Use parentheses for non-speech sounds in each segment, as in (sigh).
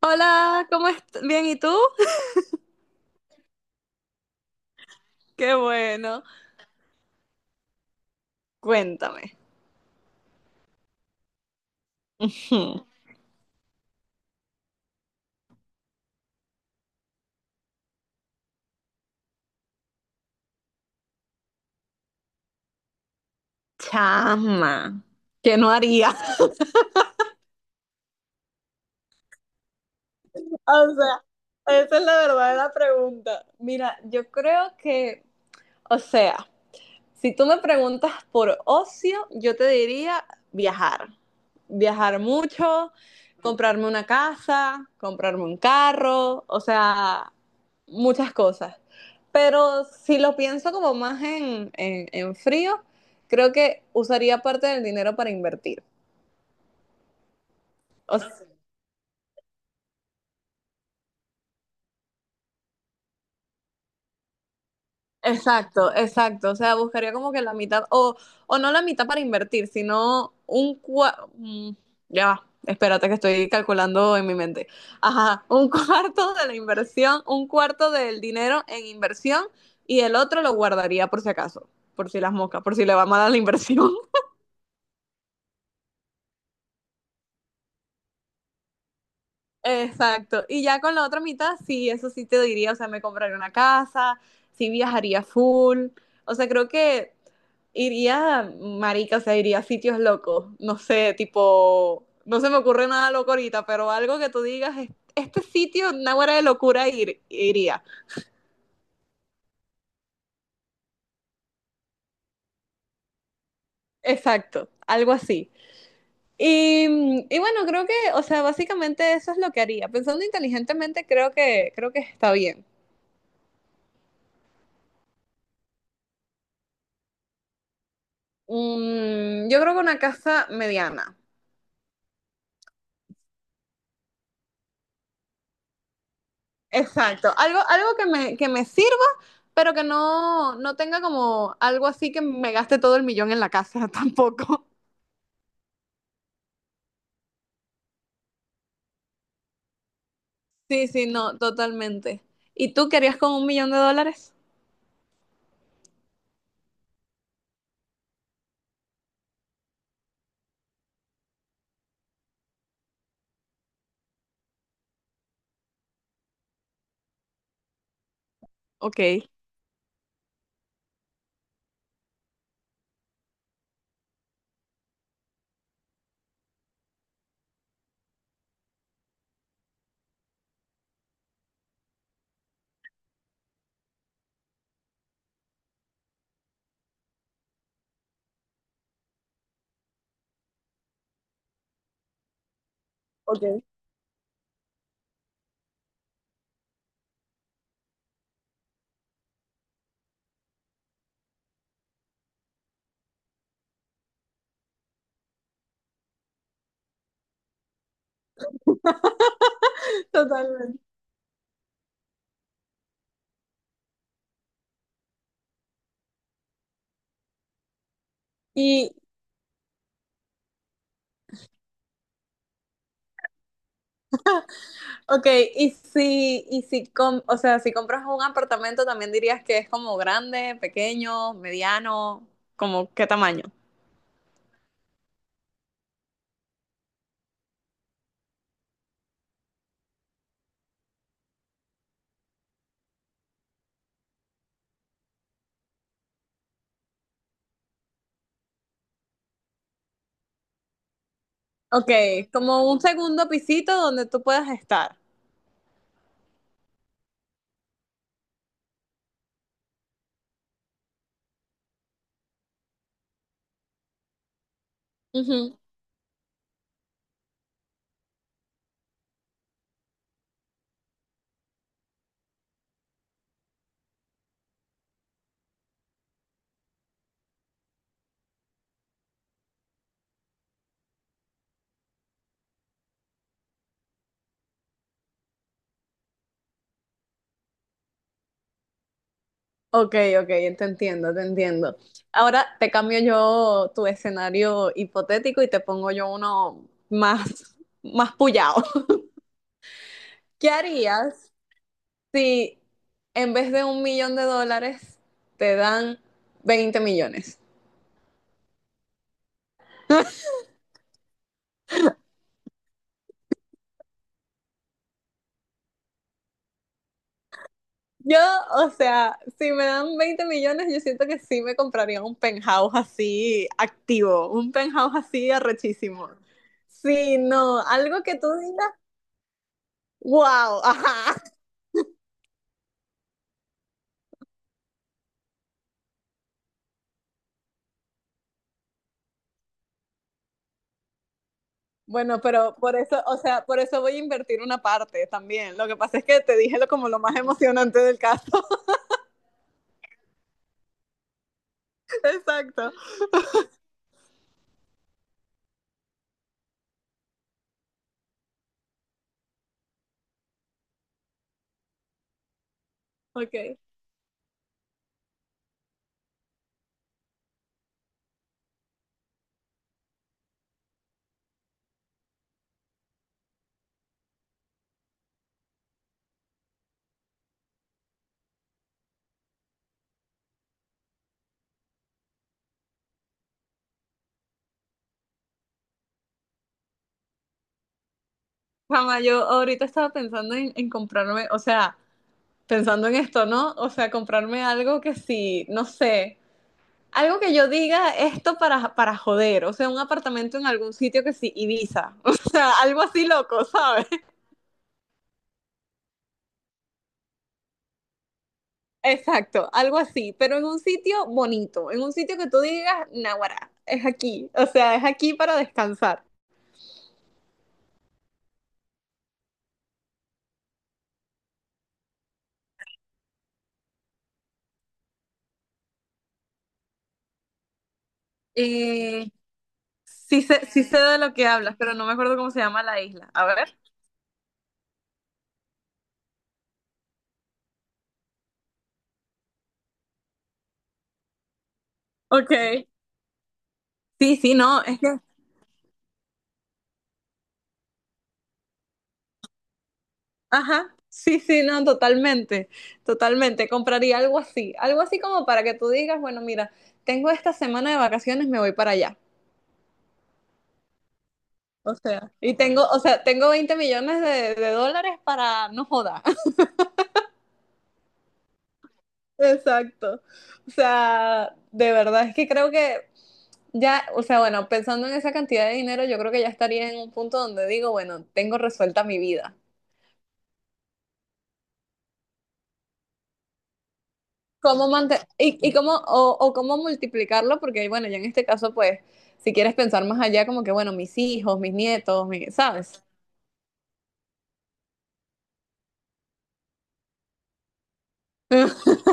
Hola, ¿cómo estás? Bien, ¿y tú? (laughs) Qué bueno. Cuéntame. Hmm, Chama, ¿qué no haría? (laughs) O sea, esa es la verdadera pregunta. Mira, yo creo que, o sea, si tú me preguntas por ocio, yo te diría viajar. Viajar mucho, comprarme una casa, comprarme un carro, o sea, muchas cosas. Pero si lo pienso como más en, frío, creo que usaría parte del dinero para invertir. O Exacto, exacto. O sea, buscaría como que la mitad, o no la mitad para invertir, sino un cuarto. Ya va, espérate que estoy calculando en mi mente. Ajá, un (laughs) cuarto de la inversión, un cuarto del dinero en inversión y el otro lo guardaría por si acaso, por si las moscas, por si le va mal a la inversión. (laughs) Exacto. Y ya con la otra mitad, sí, eso sí te diría, o sea, me compraría una casa, sí viajaría full. O sea, creo que iría, marica, o sea, iría a sitios locos. No sé, tipo, no se me ocurre nada loco ahorita, pero algo que tú digas, este sitio, una hora de locura, iría. Exacto, algo así. Y bueno, creo que, o sea, básicamente eso es lo que haría. Pensando inteligentemente, creo que está bien. Yo creo que una casa mediana. Exacto. Algo que me, sirva, pero que no tenga como algo así que me gaste todo el millón en la casa (laughs) tampoco. Sí, sí, no, totalmente. ¿Y tú querías con $1.000.000? Ok, ok. (laughs) Totalmente. Y, ok, o sea, si compras un apartamento, también dirías que es como grande, pequeño, mediano, como qué tamaño. Ok, como un segundo pisito donde tú puedas estar. Ujú. Ok, ok, te entiendo, te entiendo. Ahora te cambio yo tu escenario hipotético y te pongo yo uno más, más puyado. (laughs) ¿Qué harías si en vez de $1.000.000 te dan 20 millones? Yo, o sea, si me dan 20 millones, yo siento que sí me compraría un penthouse así activo, un penthouse así arrechísimo. Sí, no, algo que tú digas, wow, (laughs) ajá. Bueno, pero por eso, o sea, por eso voy a invertir una parte también. Lo que pasa es que te dije lo como lo más emocionante del caso. (laughs) Exacto. Ok. Jamás, yo ahorita estaba pensando en, comprarme, o sea, pensando en esto, ¿no? O sea, comprarme algo que sí, no sé, algo que yo diga esto para, joder, o sea, un apartamento en algún sitio que sí, Ibiza, (laughs) o sea, algo así loco, ¿sabes? Exacto, algo así, pero en un sitio bonito, en un sitio que tú digas, Naguará, es aquí, o sea, es aquí para descansar. Eh, sí sé, sí sé de lo que hablas, pero no me acuerdo cómo se llama la isla. A ver. Ok. Sí, sí, no, es que. Ajá, sí, sí, no, totalmente, totalmente. Compraría algo así como para que tú digas, bueno, mira, tengo esta semana de vacaciones, me voy para allá. O sea, y tengo, o sea, tengo 20 millones de dólares para no joda. (laughs) Exacto. O sea, de verdad es que creo que ya, o sea, bueno, pensando en esa cantidad de dinero, yo creo que ya estaría en un punto donde digo, bueno, tengo resuelta mi vida. ¿Y cómo, o cómo multiplicarlo? Porque, bueno, ya en este caso, pues, si quieres pensar más allá, como que, bueno, mis hijos, mis nietos, ¿sabes? (laughs)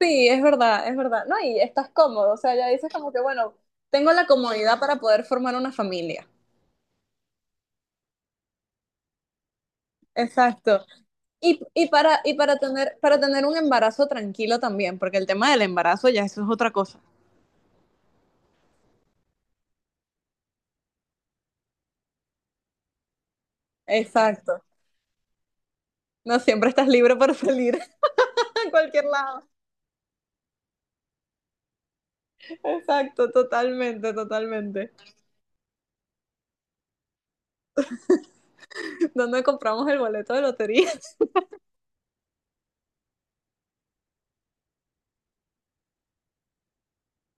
Sí, es verdad, es verdad. No, y estás cómodo, o sea, ya dices como que, bueno, tengo la comodidad para poder formar una familia. Exacto. Y para tener un embarazo tranquilo también, porque el tema del embarazo ya eso es otra cosa. Exacto. No siempre estás libre para salir (laughs) a cualquier lado. Exacto, totalmente, totalmente. ¿Dónde compramos el boleto de lotería? (laughs)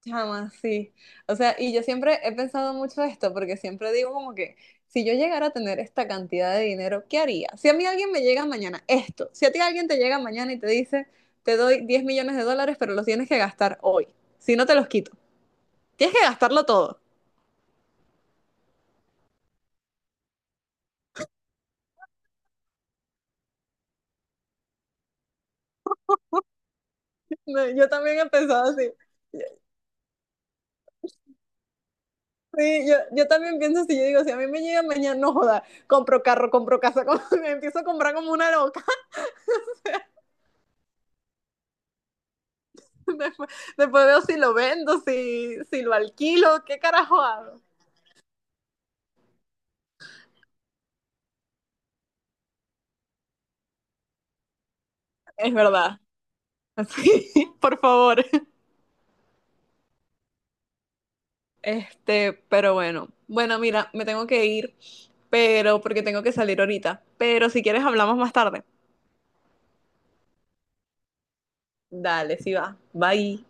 Chama, sí. O sea, y yo siempre he pensado mucho esto, porque siempre digo como que, si yo llegara a tener esta cantidad de dinero, ¿qué haría? Si a mí alguien me llega mañana esto, si a ti alguien te llega mañana y te dice, te doy $10.000.000, pero los tienes que gastar hoy, si no te los quito, tienes que gastarlo todo. No, yo también he pensado así. Sí, yo también pienso así, yo digo, si a mí me llega mañana, no joda, compro carro, compro casa, (laughs) compro, me empiezo a comprar como una loca. (laughs) Después, después veo si lo vendo, si lo alquilo, qué carajo hago. Es verdad. Así, (laughs) por favor. Este, pero bueno. Bueno, mira, me tengo que ir, pero porque tengo que salir ahorita. Pero si quieres hablamos más tarde. Dale, sí va. Bye.